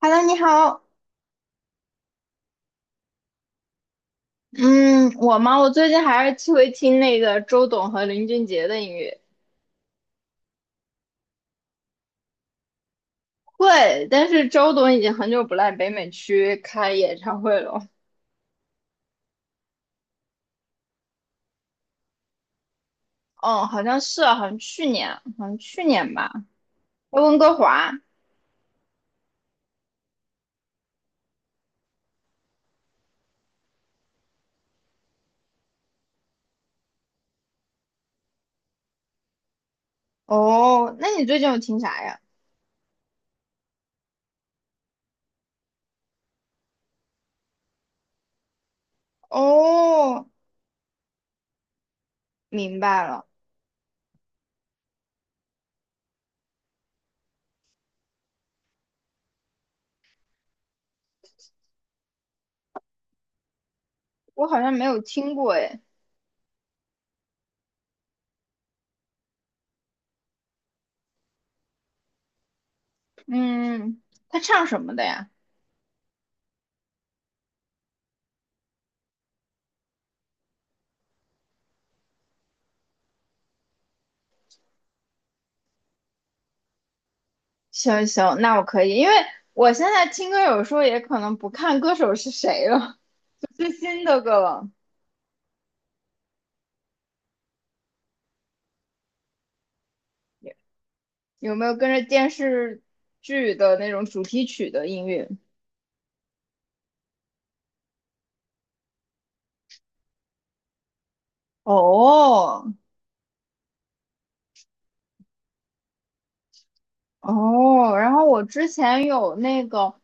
Hello，你好。嗯，我吗？我最近还是会听那个周董和林俊杰的音乐。会。但是周董已经很久不来北美区开演唱会了。哦，好像是啊，好像去年，好像去年吧。在温哥华。哦，那你最近有听啥呀？哦，明白了。我好像没有听过诶。嗯，他唱什么的呀？行行，那我可以，因为我现在听歌有时候也可能不看歌手是谁了，最新的歌了。有没有跟着电视剧的那种主题曲的音乐？哦，哦，然后我之前有那个，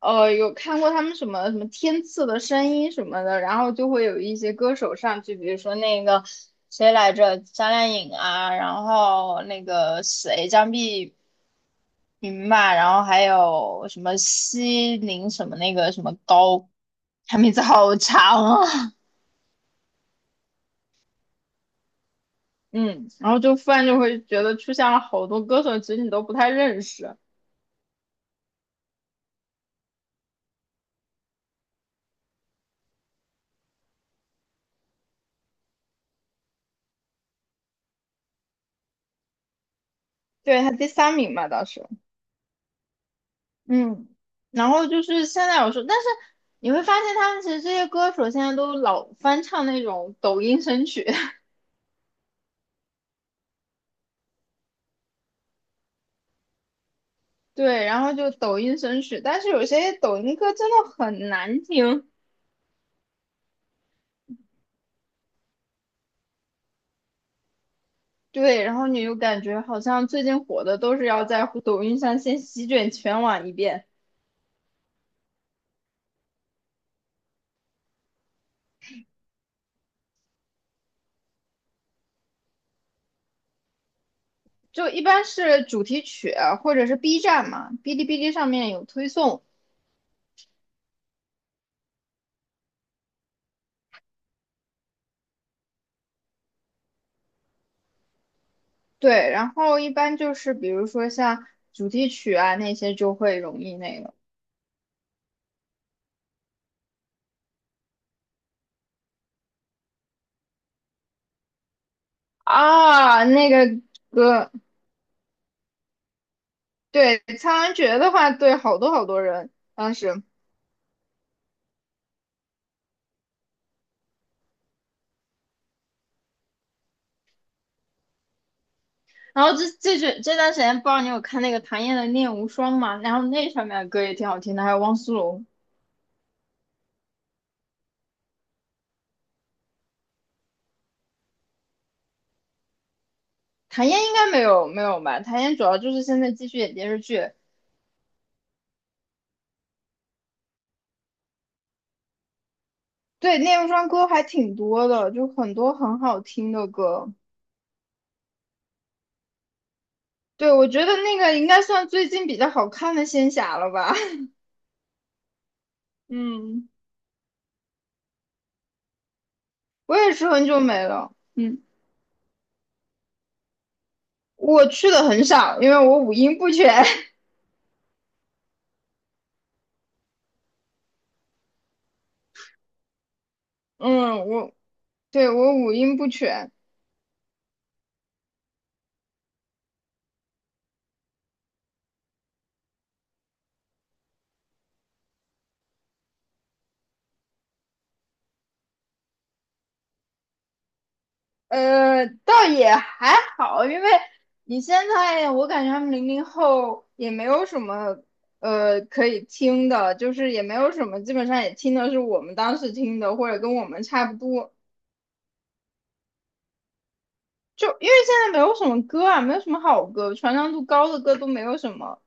有看过他们什么什么天赐的声音什么的，然后就会有一些歌手上去，比如说那个谁来着，张靓颖啊，然后那个谁张碧云吧，然后还有什么西宁什么那个什么高，他名字好长啊。嗯，然后就突然就会觉得出现了好多歌手，其实你都不太认识。对，他第三名嘛，当时。嗯，然后就是现在有时候，但是你会发现他们其实这些歌手现在都老翻唱那种抖音神曲。对，然后就抖音神曲，但是有些抖音歌真的很难听。对，然后你又感觉好像最近火的都是要在抖音上先席卷全网一遍。就一般是主题曲啊或者是 B 站嘛，哔哩哔哩上面有推送。对，然后一般就是比如说像主题曲啊那些就会容易那个啊那个歌。对，《苍兰诀》的话，对好多好多人当时。然后这段时间不知道你有看那个谭燕的《念无双》吗？然后那上面的歌也挺好听的，还有汪苏泷。谭燕应该没有吧？谭燕主要就是现在继续演电视剧。对，《念无双》歌还挺多的，就很多很好听的歌。对，我觉得那个应该算最近比较好看的仙侠了吧。嗯，我也是很久没了。嗯，我去的很少，因为我五音不全。嗯，我对我五音不全。倒也还好，因为你现在我感觉他们零零后也没有什么可以听的，就是也没有什么，基本上也听的是我们当时听的，或者跟我们差不多。就因为现在没有什么歌啊，没有什么好歌，传唱度高的歌都没有什么。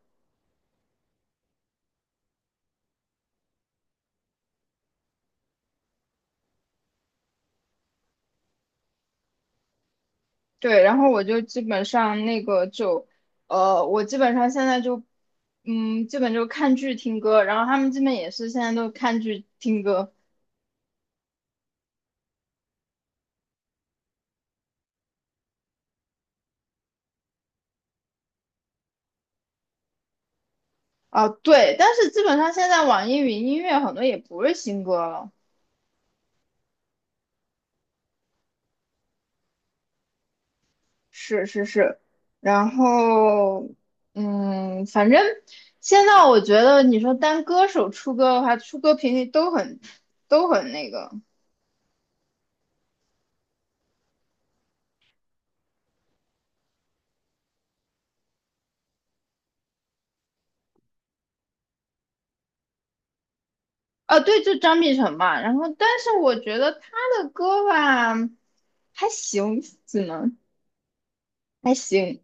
对，然后我就基本上那个就，我基本上现在就，嗯，基本就看剧听歌，然后他们基本也是现在都看剧听歌。啊，对，但是基本上现在网易云音乐很多也不是新歌了。是是是，然后，嗯，反正现在我觉得你说单歌手出歌的话，出歌频率都很那个。啊，对，就张碧晨嘛。然后，但是我觉得他的歌吧，还行，只能还行。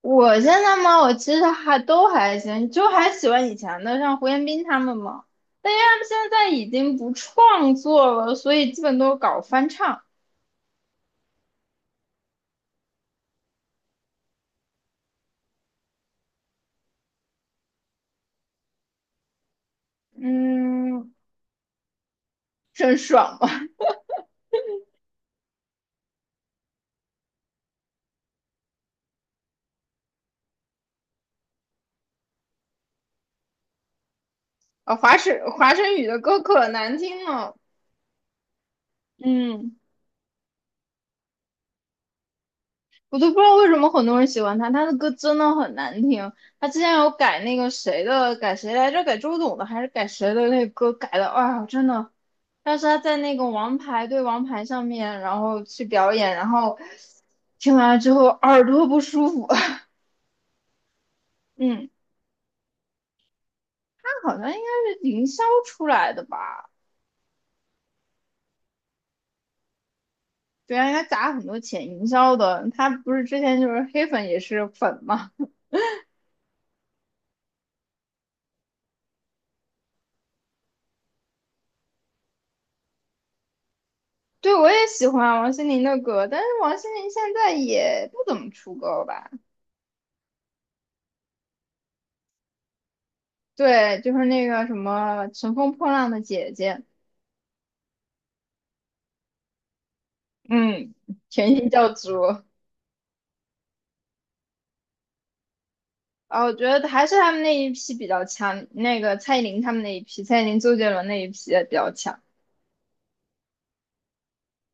我现在嘛，我其实还都还行，就还喜欢以前的，像胡彦斌他们嘛。但因为他们现在已经不创作了，所以基本都是搞翻唱。嗯，真爽嘛！啊，华晨宇的歌可难听了。嗯。我都不知道为什么很多人喜欢他，他的歌真的很难听。他之前有改那个谁的，改谁来着？改周董的还是改谁的那个歌改的？哎呀，真的。但是他在那个王牌对王牌上面，然后去表演，然后听完了之后耳朵不舒服。嗯，他好像应该是营销出来的吧？对啊，应该砸很多钱营销的。他不是之前就是黑粉也是粉嘛？对，我也喜欢王心凌的歌，但是王心凌现在也不怎么出歌了吧？对，就是那个什么《乘风破浪的姐姐》。嗯，甜心教主。啊，我觉得还是他们那一批比较强，那个蔡依林他们那一批，蔡依林、周杰伦那一批也比较强。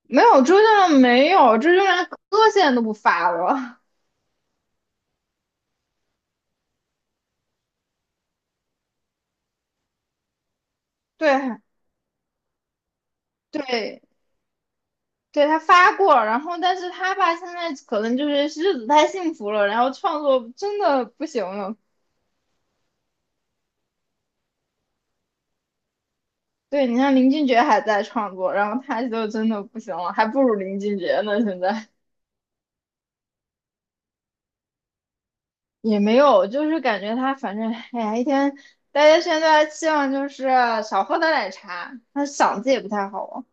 没有周杰伦，没有周杰伦，歌现在都不发了。对对对，他发过，然后但是他吧现在可能就是日子太幸福了，然后创作真的不行了。对你像林俊杰还在创作，然后他就真的不行了，还不如林俊杰呢现在。也没有，就是感觉他反正，哎呀，一天大家现在期望就是少喝点奶茶，他嗓子也不太好啊。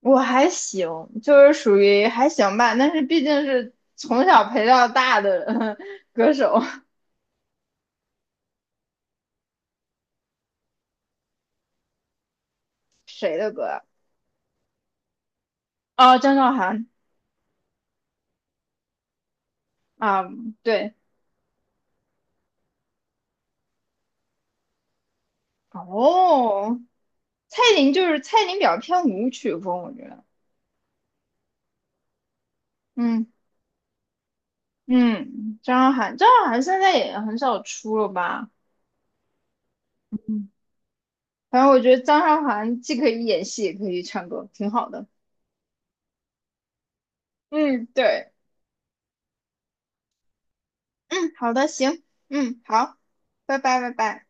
我还行，就是属于还行吧，但是毕竟是从小陪到大的 歌手。谁的歌啊？哦，张韶涵啊，对，哦，蔡琳就是蔡琳比较偏舞曲风，我觉得。嗯嗯，张韶涵，张韶涵现在也很少出了吧？反正我觉得张韶涵既可以演戏，也可以唱歌，挺好的。嗯，对，嗯，好的，行，嗯，好，拜拜，拜拜。